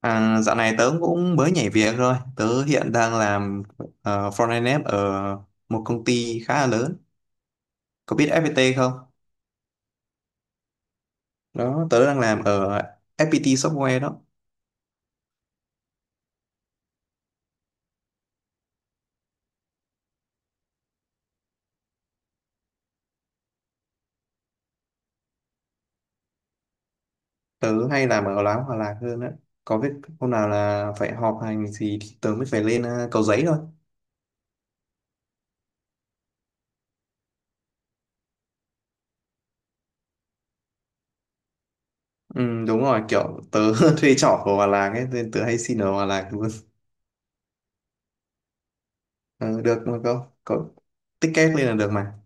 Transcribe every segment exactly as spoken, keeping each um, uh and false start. À, dạo này tớ cũng mới nhảy việc rồi. Tớ hiện đang làm ờ, front-end dev ở một công ty khá là lớn. Có biết ép pê tê không? Đó, tớ đang làm ở ép pê tê Software đó. Tớ hay làm ở Láo Hòa Lạc hơn đó. Có biết hôm nào là phải họp hành gì thì tớ mới phải lên ờ, Cầu Giấy thôi. Ừ, đúng rồi, kiểu tớ thuê trọ ở Hòa Lạc ấy, nên tớ hay xin ở Hòa Lạc luôn. Ờ, được mà cậu, có ticket lên là được mà.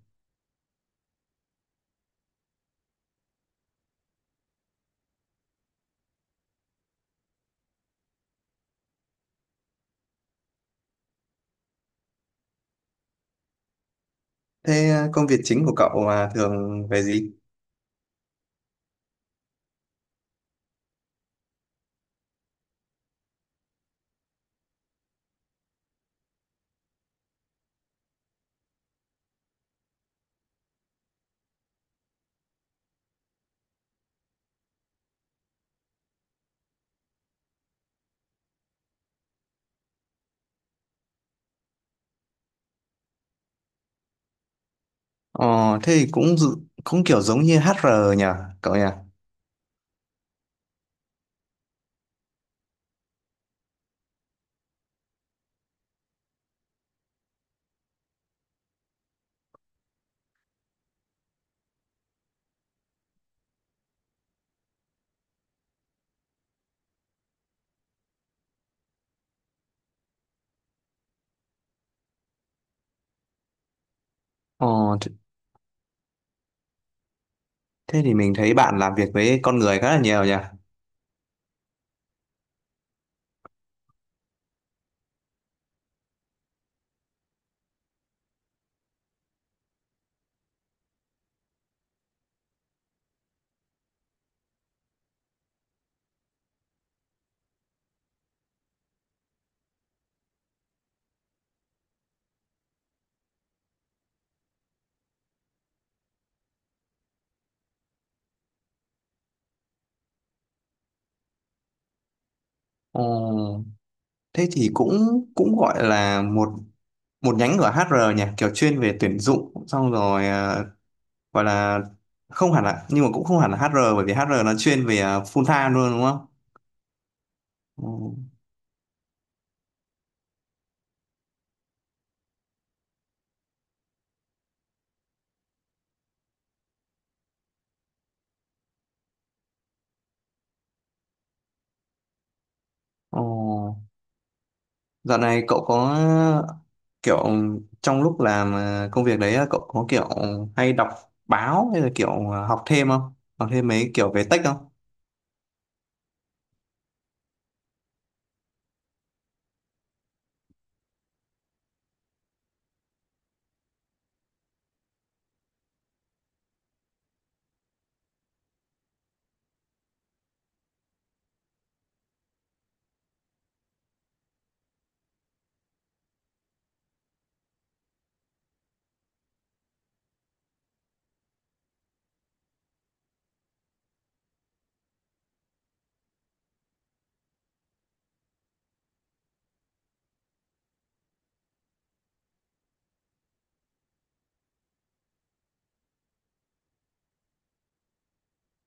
Thế ờ, công việc chính của cậu là thường về gì? Ờ, thế thì cũng dự- cũng kiểu giống như hát rờ nhỉ, cậu nhỉ? Ờ, th- thế thì mình thấy bạn làm việc với con người khá là nhiều nhỉ? Ờ, thế thì cũng cũng gọi là một một nhánh của ết a rờ nhỉ, kiểu chuyên về tuyển dụng xong rồi à, gọi là không hẳn là, nhưng mà cũng không hẳn là hát rờ, bởi vì hát rờ nó chuyên về à, full time luôn đúng không? Ờ, ờ. Dạo này cậu có kiểu trong lúc làm ờ, công việc đấy cậu có kiểu hay đọc báo hay là kiểu học thêm không? Học thêm mấy kiểu về tech không?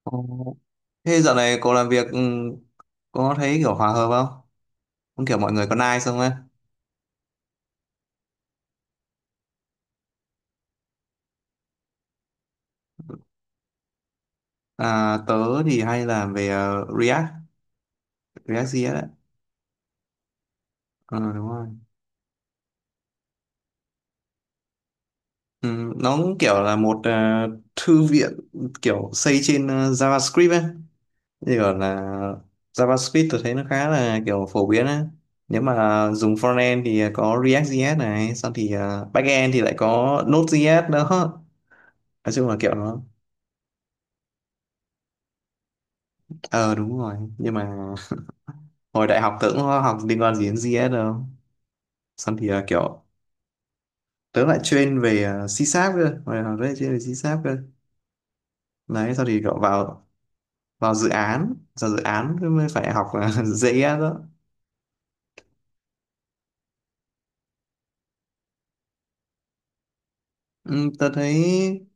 Ờ, thế dạo này cậu làm việc ừ, có thấy kiểu hòa hợp không? Không, kiểu mọi người có nice không ấy? À, tớ thì hay làm về ờ, React, React gi ét đấy. Ờ đúng rồi. Ừ, nó cũng kiểu là một ờ, thư viện kiểu xây trên ờ, JavaScript ấy. Như gọi là JavaScript tôi thấy nó khá là kiểu phổ biến á. Nếu mà dùng frontend thì có React.js này, xong thì à, backend thì lại có Node.js đó. Nói chung là kiểu nó ờ đúng rồi, nhưng mà hồi đại học tớ cũng có học liên quan gì đến gi ét đâu. Xong thì à, kiểu tớ lại chuyên về uh, C-Sharp cơ, hồi học tớ lại chuyên về C-Sharp cơ. Đấy, sau thì kiểu vào vào dự án, vào dự án mới phải học uh, gi ét đó. Ừ, tớ thấy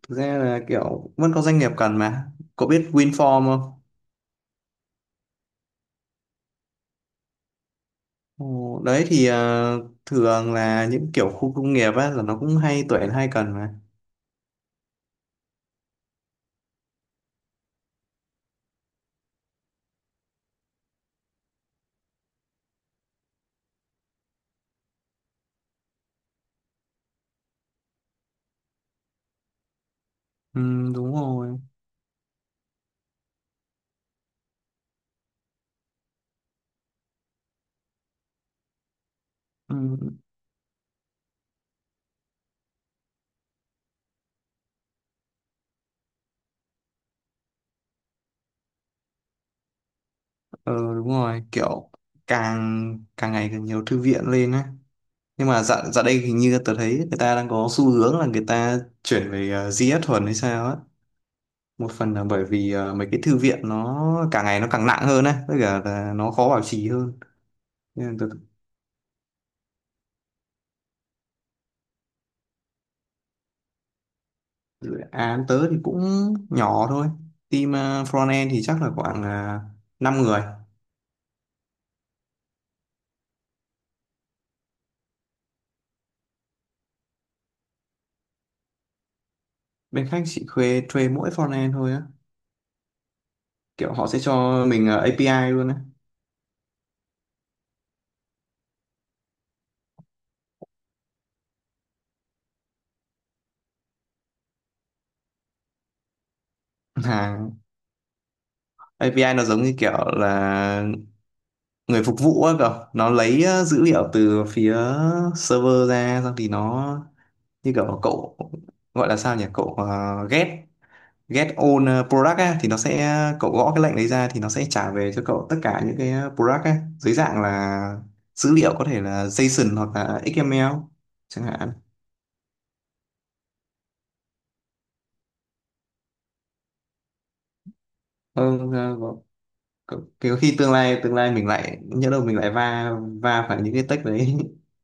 thực ra là kiểu vẫn có doanh nghiệp cần mà. Cậu biết WinForm không? Ồ, đấy thì ờ, thường là những kiểu khu công nghiệp á là nó cũng hay tuyển hay cần mà. Ừ, đúng rồi. Ừ, ờ, đúng rồi, kiểu càng càng ngày càng nhiều thư viện lên á. Nhưng mà dạo dạo đây hình như tớ thấy người ta đang có xu hướng là người ta chuyển về ờ, giê ét thuần hay sao á. Một phần là bởi vì ờ, mấy cái thư viện nó càng ngày nó càng nặng hơn á, với cả là nó khó bảo trì hơn. Nên là tớ Dự án tớ thì cũng nhỏ thôi. Team ờ, front thì chắc là khoảng uh, năm người. Bên khách chỉ thuê thuê mỗi frontend thôi á, kiểu họ sẽ cho mình ờ, a pê i luôn á. Hàng a pê i nó giống như kiểu là người phục vụ á cậu, nó lấy ờ, dữ liệu từ phía server ra, xong thì nó như kiểu cậu gọi là sao nhỉ, cậu ờ, ghép get all uh, product á, thì nó sẽ ờ, cậu gõ cái lệnh đấy ra thì nó sẽ trả về cho cậu tất cả những cái ờ, product á, dưới dạng là dữ liệu có thể là JSON hoặc là ích em lờ chẳng hạn. Ừ, ờ, có, có có khi tương lai tương lai mình lại nhớ đâu mình lại va va phải những cái tech đấy.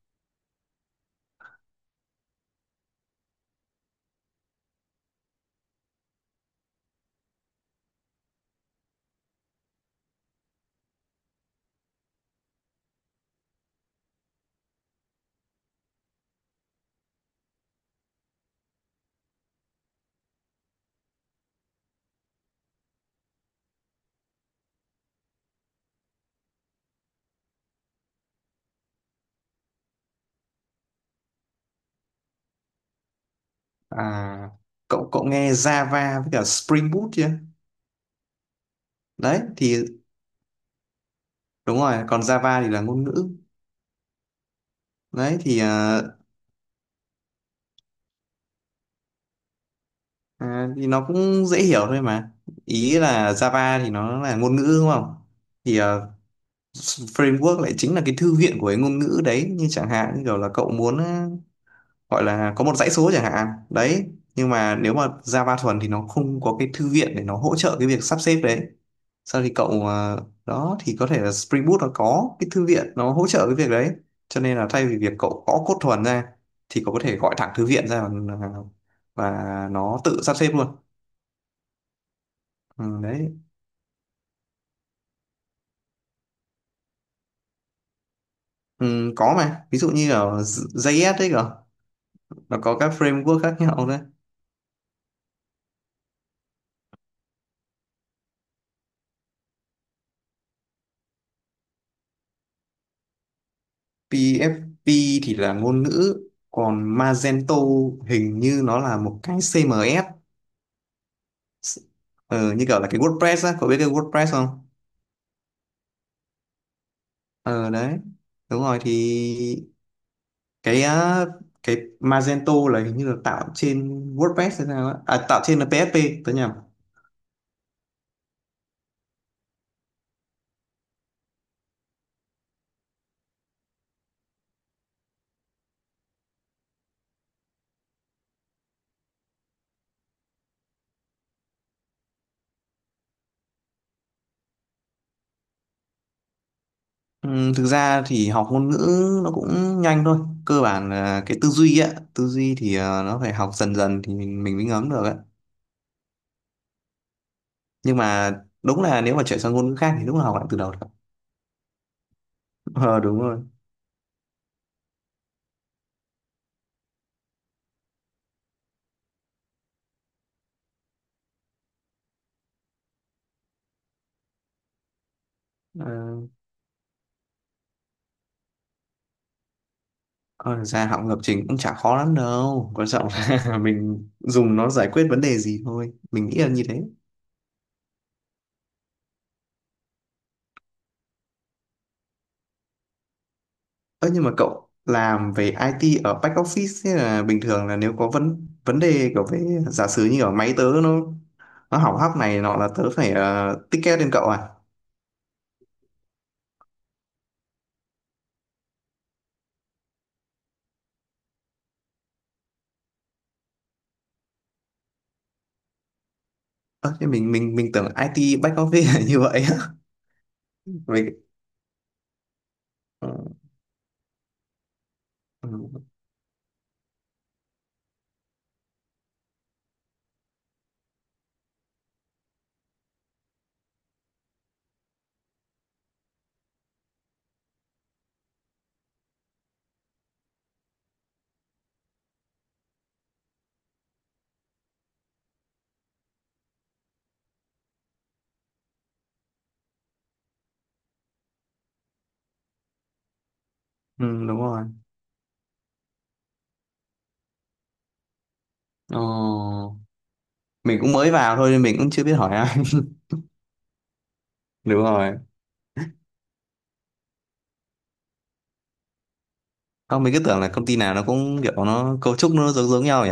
À, cậu cậu nghe Java với cả Spring Boot chưa? Đấy thì đúng rồi, còn Java thì là ngôn ngữ. Đấy thì à, À, thì nó cũng dễ hiểu thôi mà. Ý là Java thì nó là ngôn ngữ đúng không? Thì ờ, framework lại chính là cái thư viện của cái ngôn ngữ đấy. Như chẳng hạn như kiểu là cậu muốn ờ, gọi là có một dãy số chẳng hạn. Đấy. Nhưng mà nếu mà Java thuần thì nó không có cái thư viện để nó hỗ trợ cái việc sắp xếp đấy. Sau thì cậu ờ, đó thì có thể là Spring Boot nó có cái thư viện nó hỗ trợ cái việc đấy. Cho nên là thay vì việc cậu gõ code thuần ra thì cậu có thể gọi thẳng thư viện ra, và, và nó tự sắp xếp luôn. Ừ, đấy. Ừ, có mà ví dụ như ở gi ét đấy cơ, nó có các framework khác nhau đấy. pê ép pê thì là ngôn ngữ, còn Magento hình như nó là một cái xê em ét. ờ, như kiểu là cái WordPress á, cậu biết cái WordPress không? Ờ đấy, đúng rồi thì cái á, cái Magento là hình như là tạo trên WordPress hay sao á. À, tạo trên là pê hát pê, tớ nhầm. Ừ, thực ra thì học ngôn ngữ nó cũng nhanh thôi. Cơ bản là cái tư duy á. Tư duy thì ờ, nó phải học dần dần thì mình mình mới ngấm được á. Nhưng mà đúng là nếu mà chuyển sang ngôn ngữ khác thì đúng là học lại từ đầu thật. Ờ đúng rồi. Ờ, còn thực ra học lập trình cũng chả khó lắm đâu, quan trọng là mình dùng nó giải quyết vấn đề gì thôi, mình nghĩ là như thế. Ơ nhưng mà cậu làm về i tê ở back office, thế là bình thường là nếu có vấn vấn đề kiểu về, giả sử như ở máy tớ nó nó hỏng hóc này nọ là tớ phải ờ, ticket lên cậu à? Ơ thế mình mình mình tưởng i tê back office là như vậy á. Mình ừ, ừ, ừ, đúng rồi. Ờ, mình cũng mới vào thôi nên mình cũng chưa biết hỏi ai. Đúng rồi. Không, mình cứ tưởng là công ty nào nó cũng kiểu nó cấu trúc nó giống giống nhau nhỉ?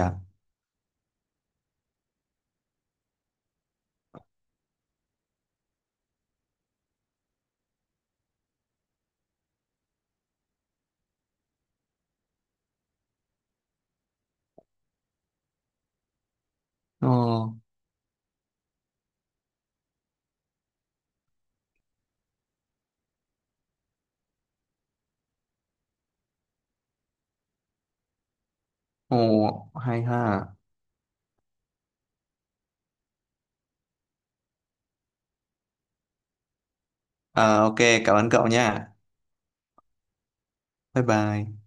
Ồ, ồ, hay ha. Ờ ok, cảm ơn cậu nha. Bye bye.